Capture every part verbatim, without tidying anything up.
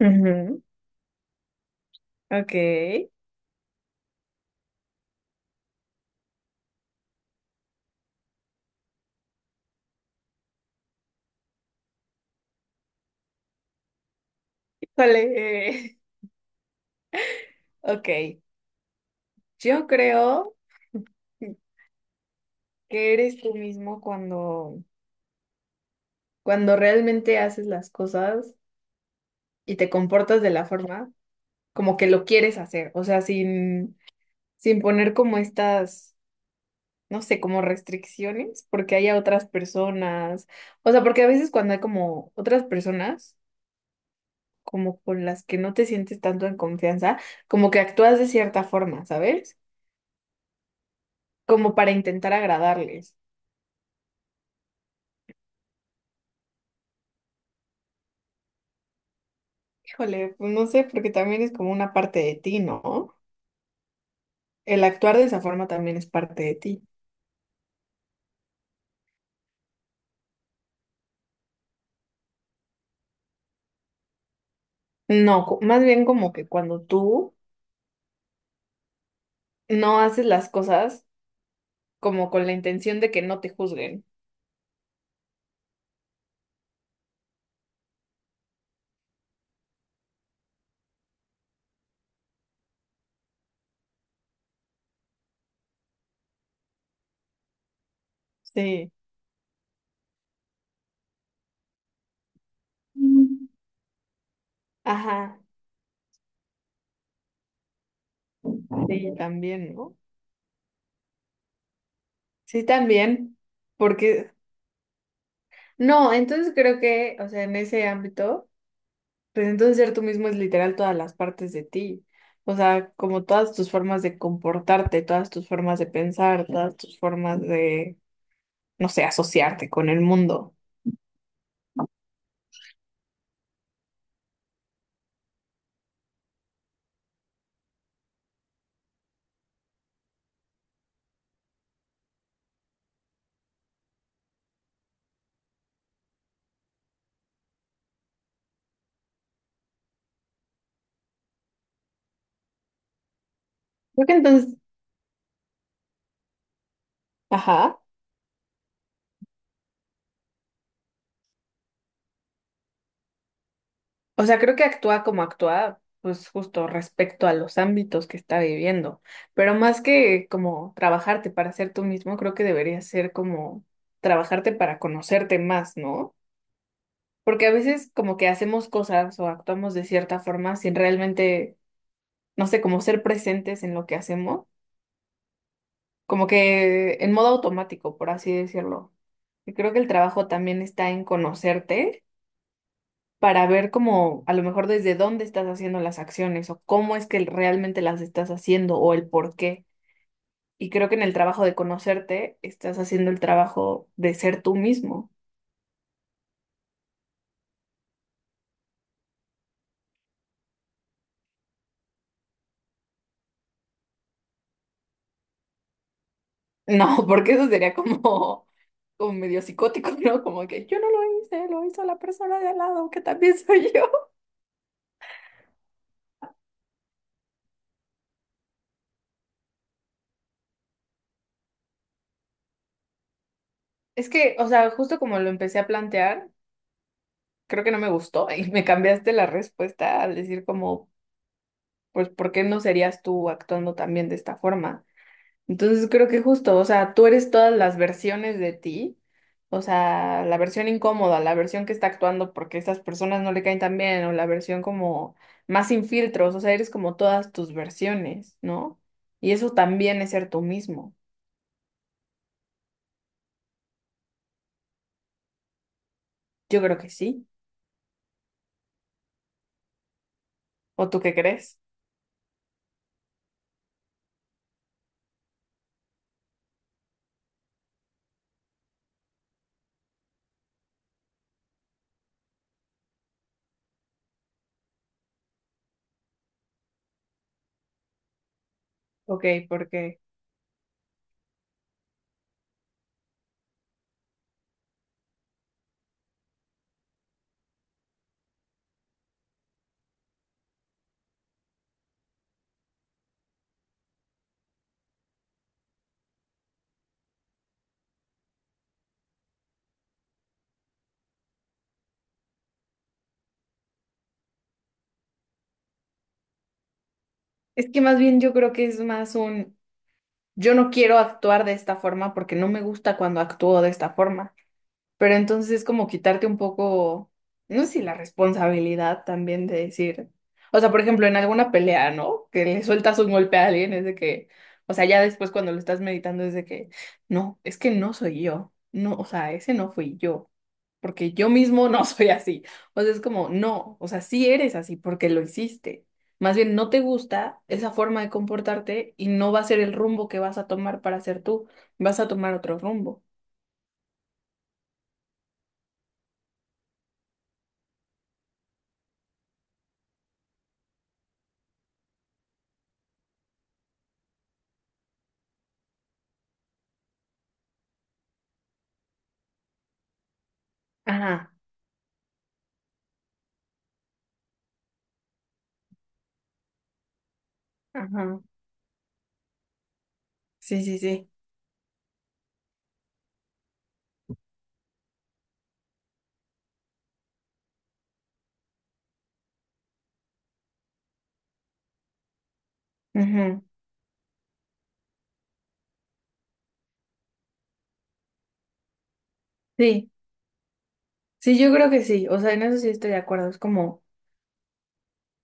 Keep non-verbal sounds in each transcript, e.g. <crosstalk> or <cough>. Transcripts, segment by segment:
Ujú, ok, vale. <laughs> Ok, yo creo que eres tú mismo cuando, cuando realmente haces las cosas y te comportas de la forma como que lo quieres hacer, o sea, sin, sin poner como estas, no sé, como restricciones, porque haya otras personas. O sea, porque a veces cuando hay como otras personas, como con las que no te sientes tanto en confianza, como que actúas de cierta forma, ¿sabes? Como para intentar agradarles. Híjole, pues no sé, porque también es como una parte de ti, ¿no? El actuar de esa forma también es parte de ti. No, co- más bien como que cuando tú no haces las cosas como con la intención de que no te juzguen. Sí, mm, ajá, sí, también, ¿no? Sí, también, porque no, entonces creo que, o sea, en ese ámbito, pues entonces ser tú mismo es literal todas las partes de ti. O sea, como todas tus formas de comportarte, todas tus formas de pensar, todas tus formas de, no sé, asociarte con el mundo. Creo que entonces, ajá. O sea, creo que actúa como actúa, pues justo respecto a los ámbitos que está viviendo. Pero más que como trabajarte para ser tú mismo, creo que debería ser como trabajarte para conocerte más, ¿no? Porque a veces como que hacemos cosas o actuamos de cierta forma sin realmente, no sé, como ser presentes en lo que hacemos, como que en modo automático, por así decirlo. Y creo que el trabajo también está en conocerte, para ver cómo, a lo mejor desde dónde estás haciendo las acciones o cómo es que realmente las estás haciendo o el por qué. Y creo que en el trabajo de conocerte estás haciendo el trabajo de ser tú mismo. No, <laughs> porque eso sería como, como medio psicótico, <laughs> ¿no? Como que yo no lo hice, lo hizo la persona de al lado, que también soy yo. Es que, o sea, justo como lo empecé a plantear, creo que no me gustó y me cambiaste la respuesta al decir como, pues, ¿por qué no serías tú actuando también de esta forma? Entonces creo que justo, o sea, tú eres todas las versiones de ti, o sea, la versión incómoda, la versión que está actuando porque estas personas no le caen tan bien, o la versión como más sin filtros. O sea, eres como todas tus versiones, ¿no? Y eso también es ser tú mismo. Yo creo que sí. ¿O tú qué crees? Ok, porque es que más bien yo creo que es más un... Yo no quiero actuar de esta forma porque no me gusta cuando actúo de esta forma. Pero entonces es como quitarte un poco, no sé, si la responsabilidad también de decir, o sea, por ejemplo, en alguna pelea, ¿no? Que le sueltas un golpe a alguien, es de que, o sea, ya después cuando lo estás meditando es de que no, es que no soy yo, no, o sea, ese no fui yo, porque yo mismo no <laughs> soy así. O sea, es como, no, o sea, sí eres así porque lo hiciste. Más bien, no te gusta esa forma de comportarte y no va a ser el rumbo que vas a tomar para ser tú, vas a tomar otro rumbo. Ajá, ajá. Sí, sí, sí. Ujú. Sí, sí, yo creo que sí. O sea, en eso sí estoy de acuerdo. Es como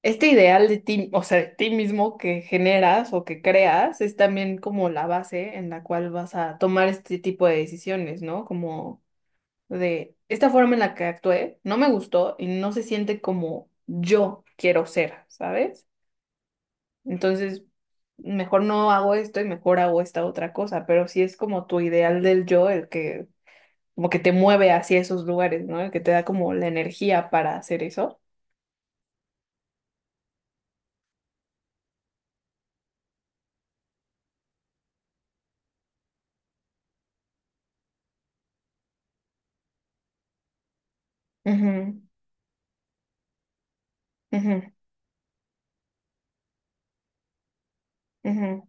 este ideal de ti, o sea, de ti mismo, que generas o que creas, es también como la base en la cual vas a tomar este tipo de decisiones, ¿no? Como, de esta forma en la que actué, no me gustó y no se siente como yo quiero ser, ¿sabes? Entonces, mejor no hago esto y mejor hago esta otra cosa, pero sí es como tu ideal del yo el que como que te mueve hacia esos lugares, ¿no? Que te da como la energía para hacer eso. Ujú, ujú, ujú,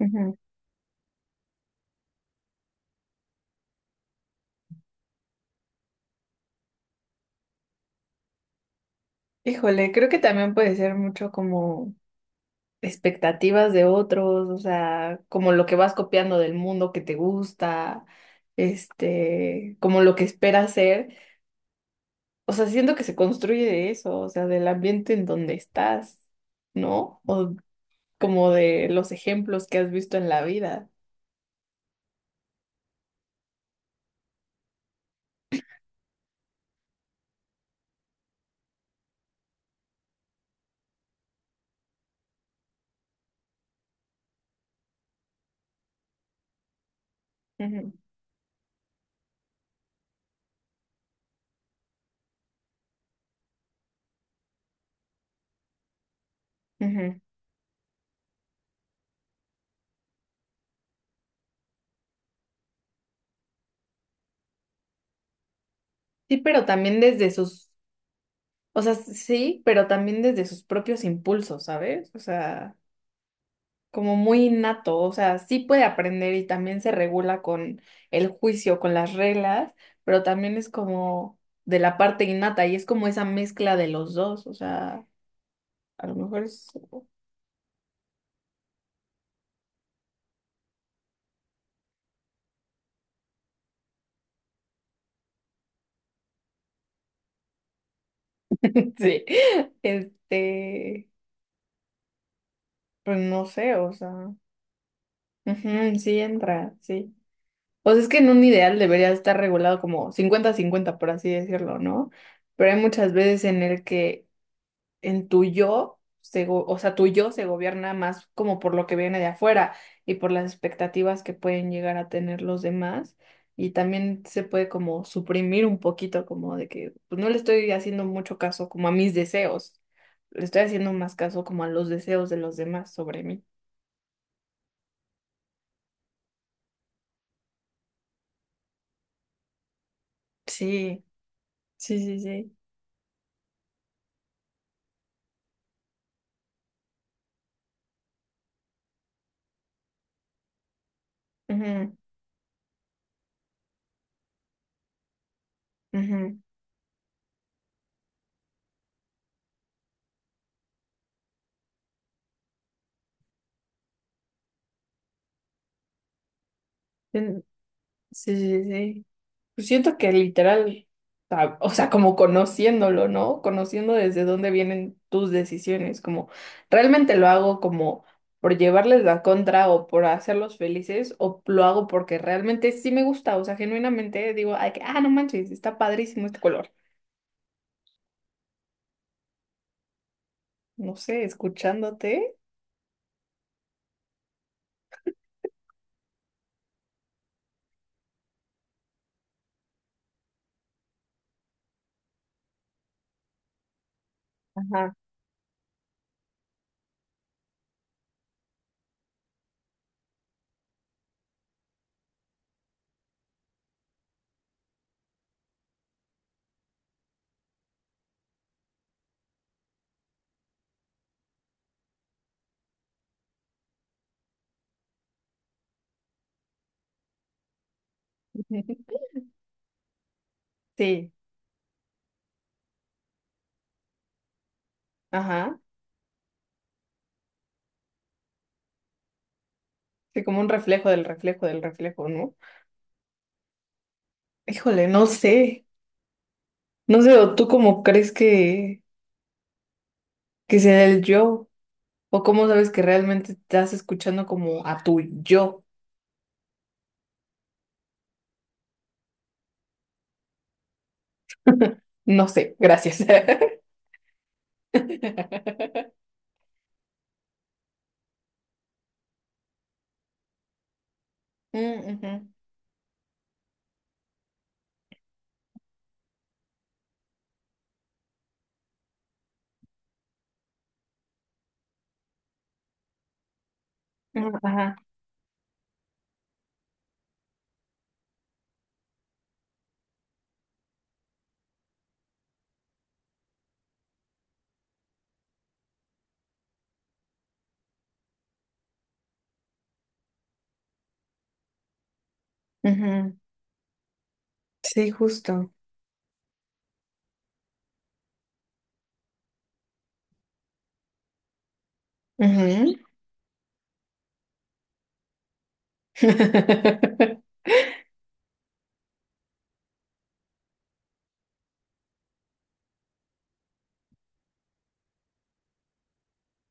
ujú. Híjole, creo que también puede ser mucho como expectativas de otros, o sea, como lo que vas copiando del mundo que te gusta, este, como lo que esperas ser. O sea, siento que se construye de eso, o sea, del ambiente en donde estás, ¿no? O como de los ejemplos que has visto en la vida. Ujú, ujú. Sí, pero también desde sus o sea, sí, pero también desde sus propios impulsos, ¿sabes? O sea, como muy innato, o sea, sí puede aprender y también se regula con el juicio, con las reglas, pero también es como de la parte innata y es como esa mezcla de los dos, o sea, a lo mejor es... <laughs> Sí, este, pues no sé, o sea, ujú, sí entra, sí. O sea, es que en un ideal debería estar regulado como cincuenta-cincuenta, por así decirlo, ¿no? Pero hay muchas veces en el que en tu yo, se go- o sea, tu yo se gobierna más como por lo que viene de afuera y por las expectativas que pueden llegar a tener los demás. Y también se puede como suprimir un poquito, como de que pues, no le estoy haciendo mucho caso como a mis deseos, le estoy haciendo más caso como a los deseos de los demás sobre mí. Sí, sí, sí, sí. Ujú, ujú. Sí, sí, sí, sí. Pues siento que literal, sab- o sea, como conociéndolo, ¿no? Conociendo desde dónde vienen tus decisiones, como, realmente lo hago como por llevarles la contra o por hacerlos felices, o lo hago porque realmente sí me gusta, o sea, genuinamente digo, ay, que, ah, no manches, está padrísimo este color. No sé, escuchándote. Ajá. <laughs> Sí, ajá. Sí, como un reflejo del reflejo del reflejo, ¿no? Híjole, no sé. No sé, ¿o tú cómo crees que, que sea el yo? ¿O cómo sabes que realmente estás escuchando como a tu yo? <laughs> No sé, gracias. <laughs> Mm, ujú. Mm, ajá, ujú. Sí, justo. Ujú. <laughs>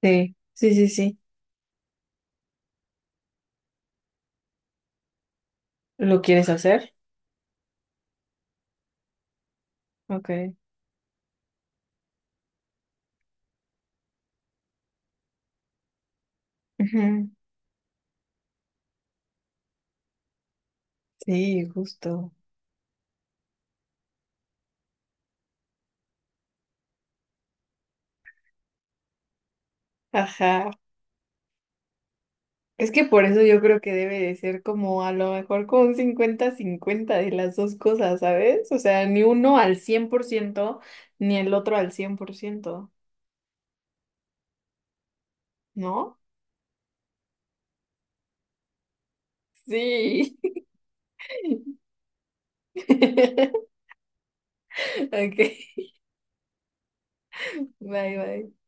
Sí, sí, sí, sí. ¿Lo quieres hacer? Ok. Ujú. Sí, justo. Ajá. Es que por eso yo creo que debe de ser como a lo mejor como un cincuenta-cincuenta de las dos cosas, ¿sabes? O sea, ni uno al cien por ciento ni el otro al cien por ciento. ¿No? Sí. <laughs> Ok, bye, bye.